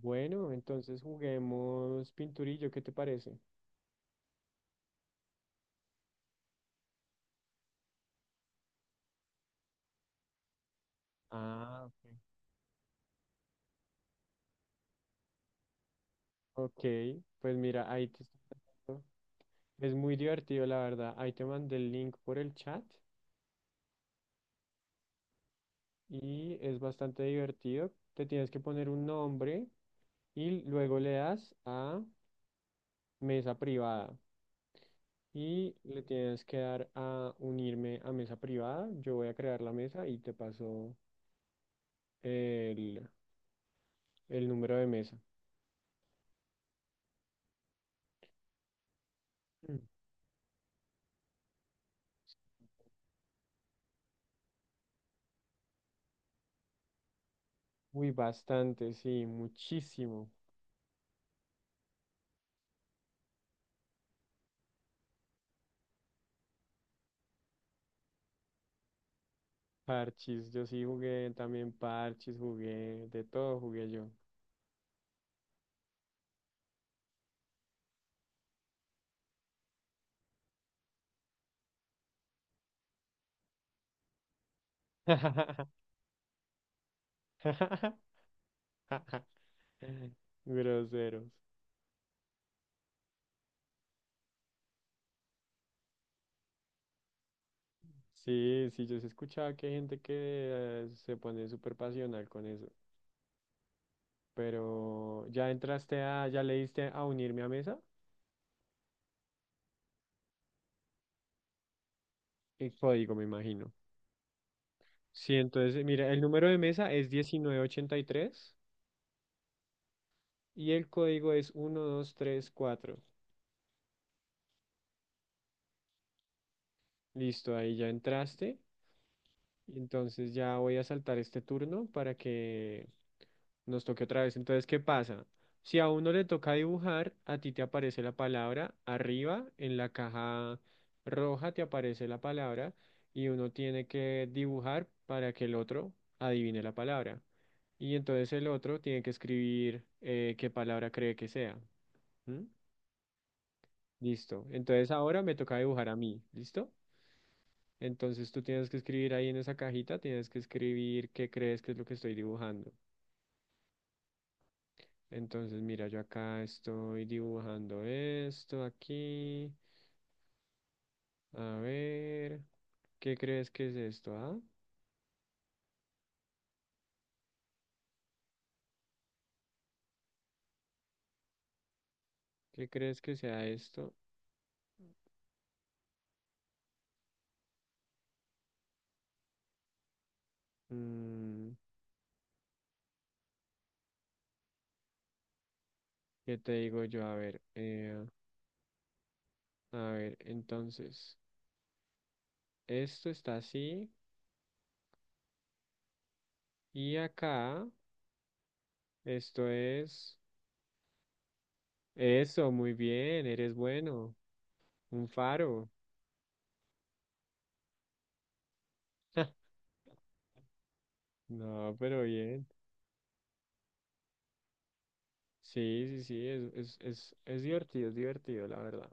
Bueno, entonces juguemos pinturillo, ¿qué te parece? Ah, ok. Ok, pues mira, ahí te estoy mandando- Es muy divertido, la verdad. Ahí te mandé el link por el chat y es bastante divertido. Te tienes que poner un nombre y luego le das a mesa privada y le tienes que dar a unirme a mesa privada. Yo voy a crear la mesa y te paso el, el número de mesa. Mm. Uy, bastante, sí, muchísimo. Parchis, yo sí jugué también parchis, jugué, de todo jugué yo. Groseros. Sí, sí, yo sí escuchaba que hay gente que se pone súper pasional con eso. Pero ya entraste a, ya le diste a unirme a mesa. El código, me imagino. Sí, entonces, mira, el número de mesa es 1983 y el código es 1234. Listo, ahí ya entraste. Entonces ya voy a saltar este turno para que nos toque otra vez. Entonces, ¿qué pasa? Si a uno le toca dibujar, a ti te aparece la palabra arriba, en la caja roja te aparece la palabra y uno tiene que dibujar para que el otro adivine la palabra. Y entonces el otro tiene que escribir qué palabra cree que sea. ¿Mm? Listo. Entonces ahora me toca dibujar a mí. ¿Listo? Entonces tú tienes que escribir ahí en esa cajita, tienes que escribir qué crees que es lo que estoy dibujando. Entonces mira, yo acá estoy dibujando esto aquí. A ver, ¿qué crees que es esto? ¿Ah? ¿Qué crees que sea esto? Mm, ¿qué te digo yo? A ver, entonces, esto está así y acá, esto es... Eso, muy bien, eres bueno. Un faro. No, pero bien. Sí, sí, sí, es divertido, es divertido, la verdad.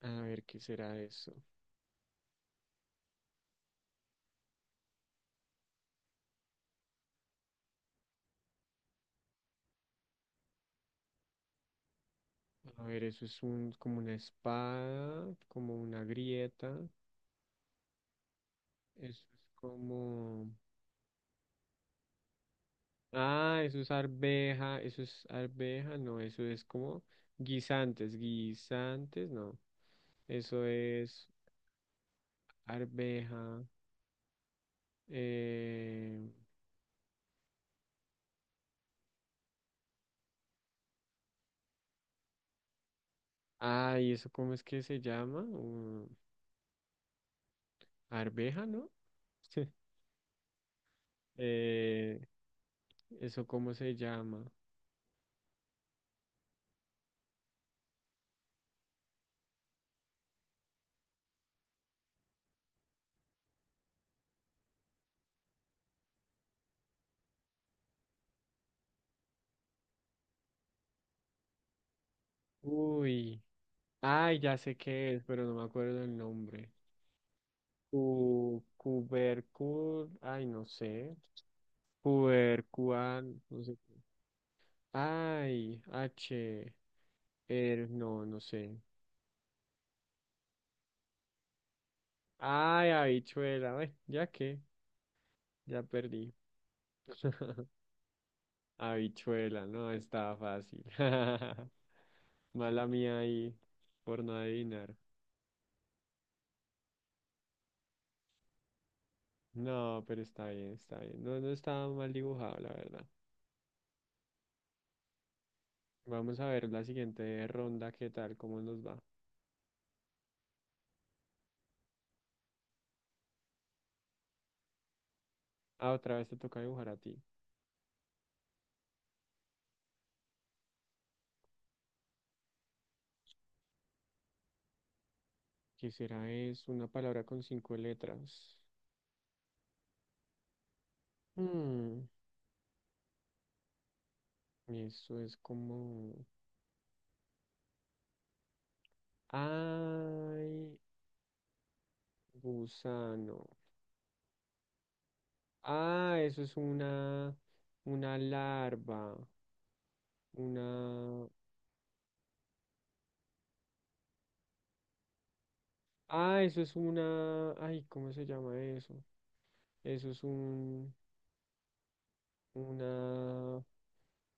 A ver, ¿qué será eso? A ver, eso es un, como una espada, como una grieta. Eso es como... Ah, eso es arveja, no, eso es como guisantes, guisantes, no. Eso es arveja. Eh... Ah, ¿y eso cómo es que se llama? Arveja, ¿no? Eh, ¿eso cómo se llama? Uy. Ay, ya sé qué es, pero no me acuerdo el nombre. Cu, cubercul, ay, no sé. Cubercuan, no sé qué. Ay, H, er, no, no sé. Ay, habichuela, ay, ya qué, ya perdí. Habichuela, no, estaba fácil. Mala mía ahí, por no adivinar. No, pero está bien, está bien. No, no estaba mal dibujado, la verdad. Vamos a ver la siguiente ronda, qué tal, cómo nos va. Ah, otra vez te toca dibujar a ti. Quisiera. Es una palabra con cinco letras. Hmm, y eso es como... Ay, gusano. Ah, eso es una... Una larva. Una... Ah, eso es una... Ay, ¿cómo se llama eso? Eso es un... Una...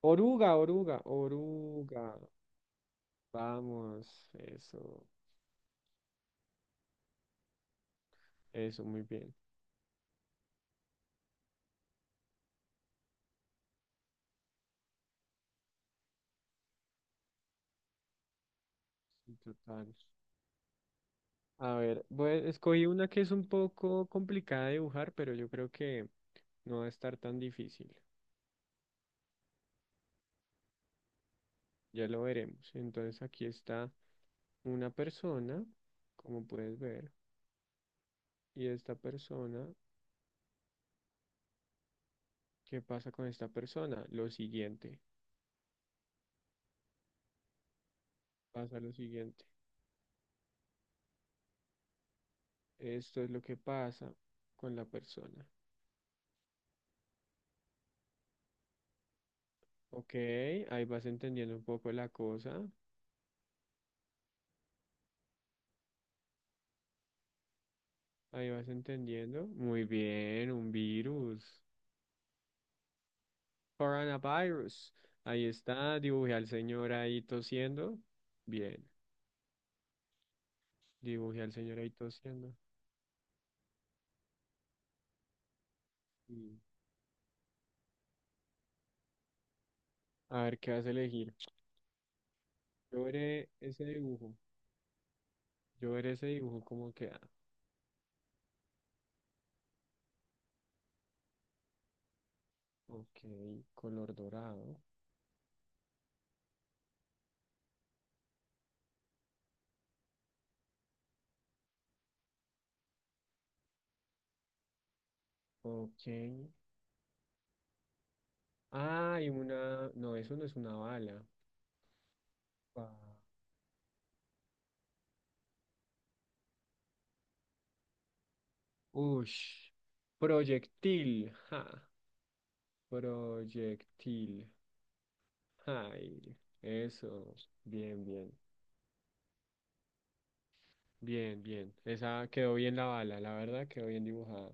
Oruga, oruga, oruga. Vamos, eso. Eso, muy bien. Sí, total. A ver, voy- escogí una que es un poco complicada de dibujar, pero yo creo que no va a estar tan difícil. Ya lo veremos. Entonces aquí está una persona, como puedes ver, y esta persona, ¿qué pasa con esta persona? Lo siguiente, pasa lo siguiente. Esto es lo que pasa con la persona. Ok, ahí vas entendiendo un poco la cosa. Ahí vas entendiendo. Muy bien, un virus. Coronavirus. Ahí está. Dibujé al señor ahí tosiendo. Bien. Dibujé al señor ahí tosiendo. Y a ver qué vas a elegir. Yo veré ese dibujo. Yo veré ese dibujo cómo queda. Ok. Color dorado. Ok. Ah, y una. No, eso no es una bala. Ah. Ush. Proyectil. Ja. Proyectil. Ay. Eso. Bien, bien. Bien, bien. Esa quedó bien la bala, la verdad, quedó bien dibujada.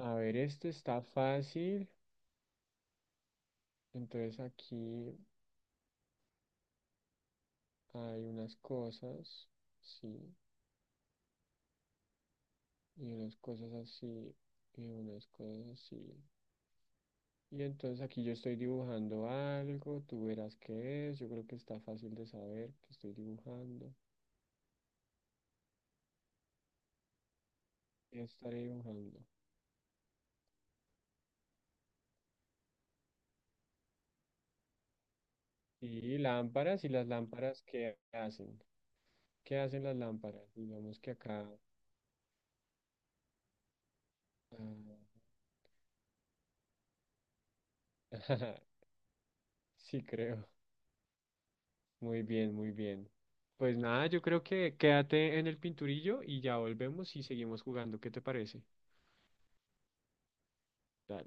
A ver, esto está fácil. Entonces aquí hay unas cosas, sí, y unas cosas así, y unas cosas así. Y entonces aquí yo estoy dibujando algo, tú verás qué es. Yo creo que está fácil de saber que estoy dibujando. ¿Qué estaré dibujando? Y lámparas, y las lámparas, ¿qué hacen? ¿Qué hacen las lámparas? Digamos que acá... ah, sí, creo. Muy bien, muy bien. Pues nada, yo creo que quédate en el pinturillo y ya volvemos y seguimos jugando. ¿Qué te parece?